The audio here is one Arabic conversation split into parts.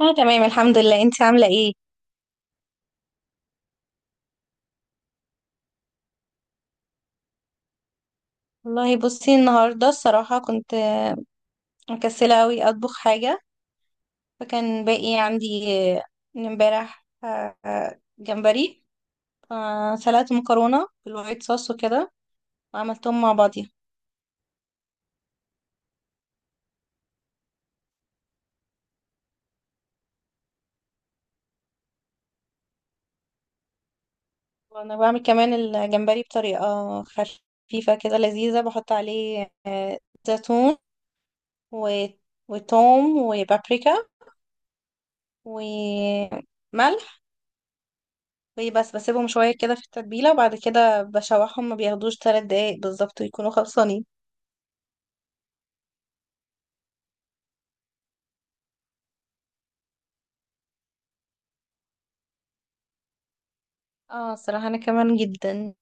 اه تمام، الحمد لله. انت عاملة ايه؟ والله بصي، النهاردة الصراحة كنت مكسلة اوي اطبخ حاجة. فكان باقي عندي آه، من امبارح جمبري. سلقت مكرونة بالوايت صوص وكده، وعملتهم مع بعضيها. وانا بعمل كمان الجمبري بطريقة خفيفة كده لذيذة، بحط عليه زيتون و- وتوم وبابريكا وملح. بس بسيبهم شوية كده في التتبيلة، وبعد كده بشوحهم، ما بياخدوش ثلاث دقايق بالظبط ويكونوا خلصانين. اه الصراحة انا كمان جدا.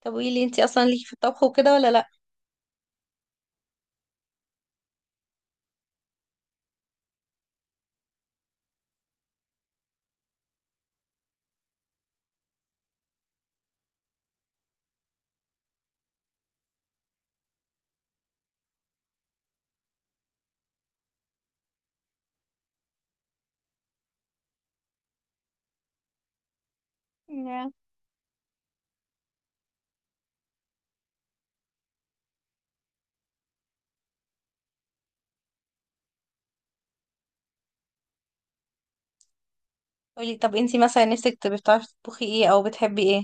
طب قولي، انتي اصلا ليكي في الطبخ وكده ولا لا؟ نعم. قولي، طب انتي مثلا نفسك تبقي بتعرفي تطبخي ايه او بتحبي ايه؟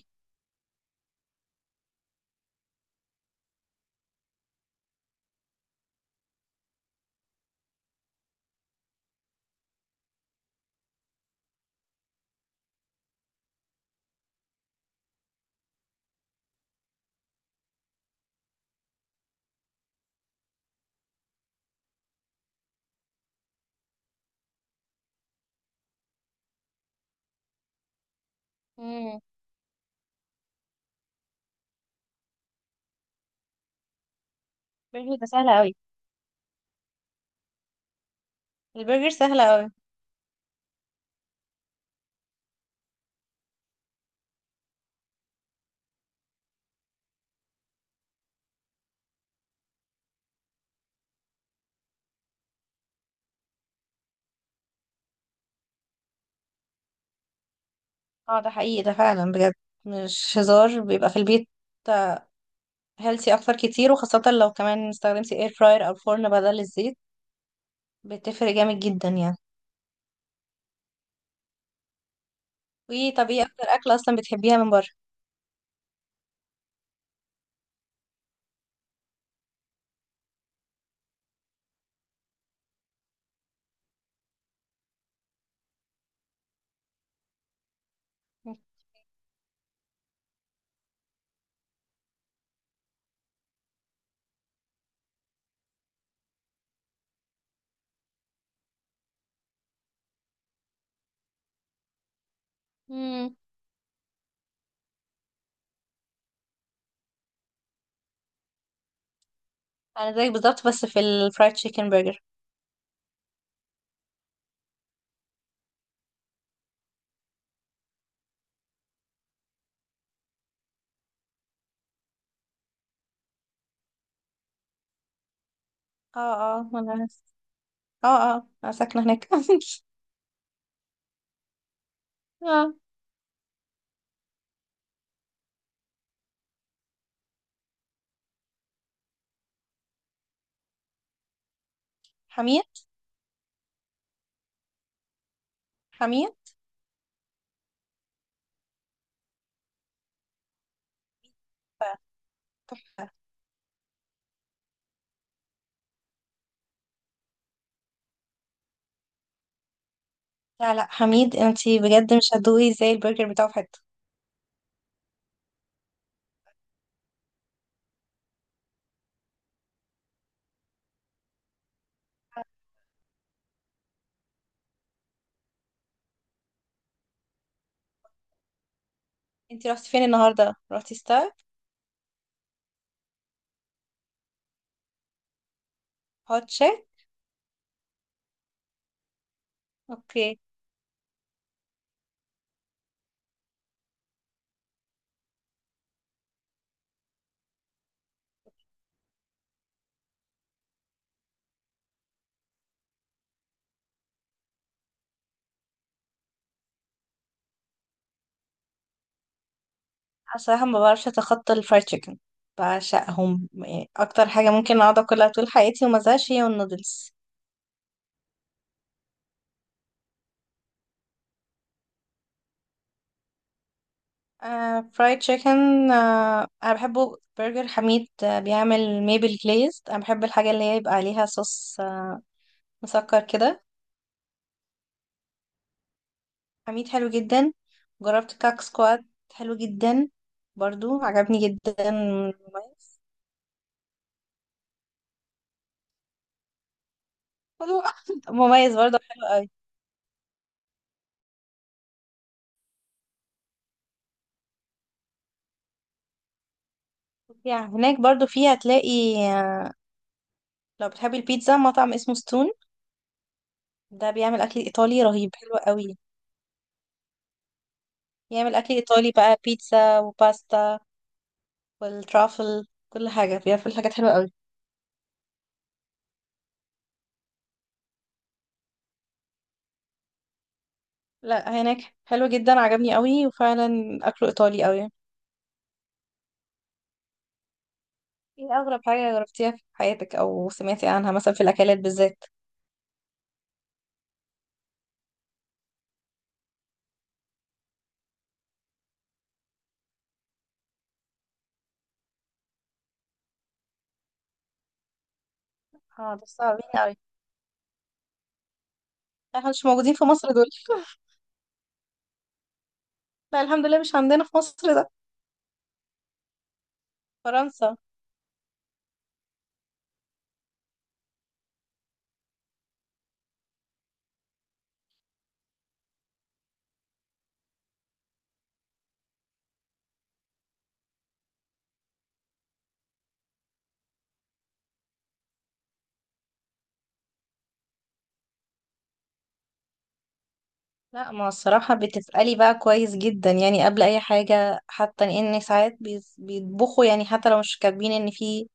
امم. برجر ده سهل قوي. البرجر سهلة اوي. اه ده حقيقي، ده فعلا بجد. مش هزار، بيبقى في البيت هيلثي اكتر كتير، وخاصة لو كمان استخدمتي اير فراير او فرن بدل الزيت. بتفرق جامد جدا يعني. وطب ايه اكتر اكلة اصلا بتحبيها من بره؟ مم. انا زيك بالظبط، بس في الفرايد تشيكن برجر. اه اه، ما انا، اه اه انا ساكنه هناك اه، حميد حميد. ف- لا لا، حميد انتي بجد مش هتدوقي زي البرجر بتاعه في حته. انتي رحتي فين النهارده؟ رحتي ستار؟ هوت شيك؟ اوكي. أنا صراحه ما بعرفش اتخطى الفرايد تشيكن، بعشقهم يعني. اكتر حاجه ممكن اقعد اكلها طول حياتي وما ازهقش هي النودلز. فرايد تشيكن، انا بحبه. برجر حميد بيعمل ميبل جليز، انا بحب الحاجه اللي هي يبقى عليها صوص مسكر كده. حميد حلو جدا. جربت كاك سكوات، حلو جدا، برضو عجبني جدا، مميز. حلو. مميز برضو حلو قوي. يعني هناك برضو فيه هتلاقي، لو بتحبي البيتزا مطعم اسمه ستون. ده بيعمل اكل ايطالي رهيب حلو قوي. يعمل اكل ايطالي بقى، بيتزا وباستا والترافل، كل حاجه بيعمل حاجات حلوه قوي. لا، هناك حلو جدا، عجبني قوي، وفعلا اكله ايطالي قوي. ايه اغرب حاجه جربتيها في حياتك او سمعتي عنها مثلا في الاكلات بالذات؟ اه ده صعبين قوي. احنا مش موجودين في مصر دول. لا الحمد لله مش عندنا في مصر ده. فرنسا. لا ما الصراحه، بتسالي بقى كويس جدا يعني. قبل اي حاجه، حتى ان ساعات بيطبخوا، يعني حتى لو مش كاتبين ان في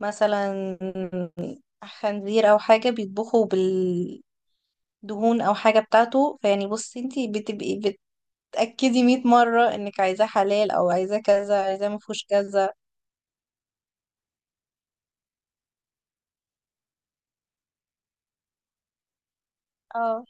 مثلا خنزير او حاجه، بيطبخوا بال دهون او حاجه بتاعته، فيعني بصي، انتي بتبقي تأكدي 100 مرة انك عايزاه حلال، او عايزاه كذا، عايزاه ما فيهوش كذا. اه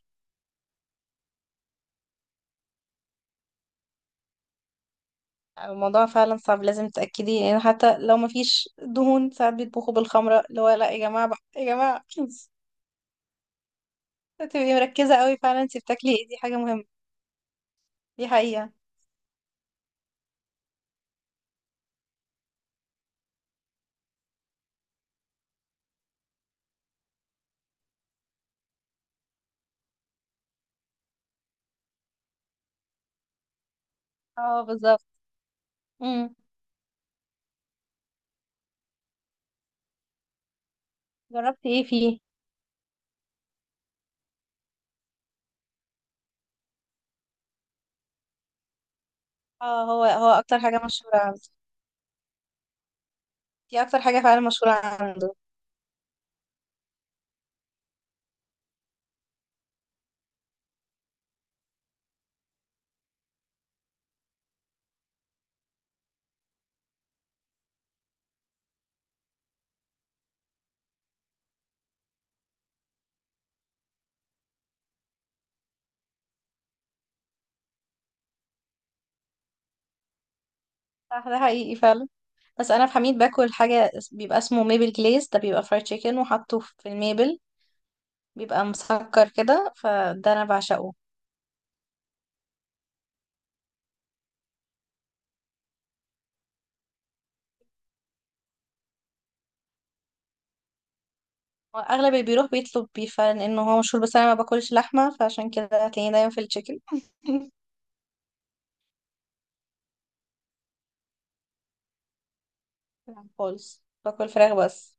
الموضوع فعلا صعب، لازم تتأكدي يعني. حتى لو ما فيش دهون، ساعات بيطبخوا بالخمرة، اللي هو لا يا جماعة بقى، يا جماعة تبقي مركزة قوي فعلا انت بتاكلي ايه، دي حاجة مهمة. دي حقيقة. اه بالظبط. امم. جربتي ايه فيه؟ اه، هو اكتر حاجة مشهورة عنده. دي اكتر حاجة فعلا مشهورة عنده. صح ده حقيقي فعلا. بس انا في حميد باكل حاجة، بيبقى اسمه ميبل جليز، ده بيبقى فرايد تشيكن وحطه في الميبل، بيبقى مسكر كده، فده انا بعشقه. اغلب اللي بيروح بيطلب بيف لانه هو مشهور، بس انا ما باكلش لحمه، فعشان كده هتلاقيني دايما في التشيكن. خالص، باكل فراخ بس.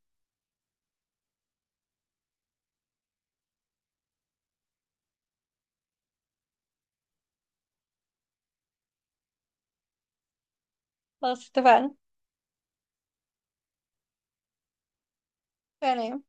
خلاص اتفقنا. سلام.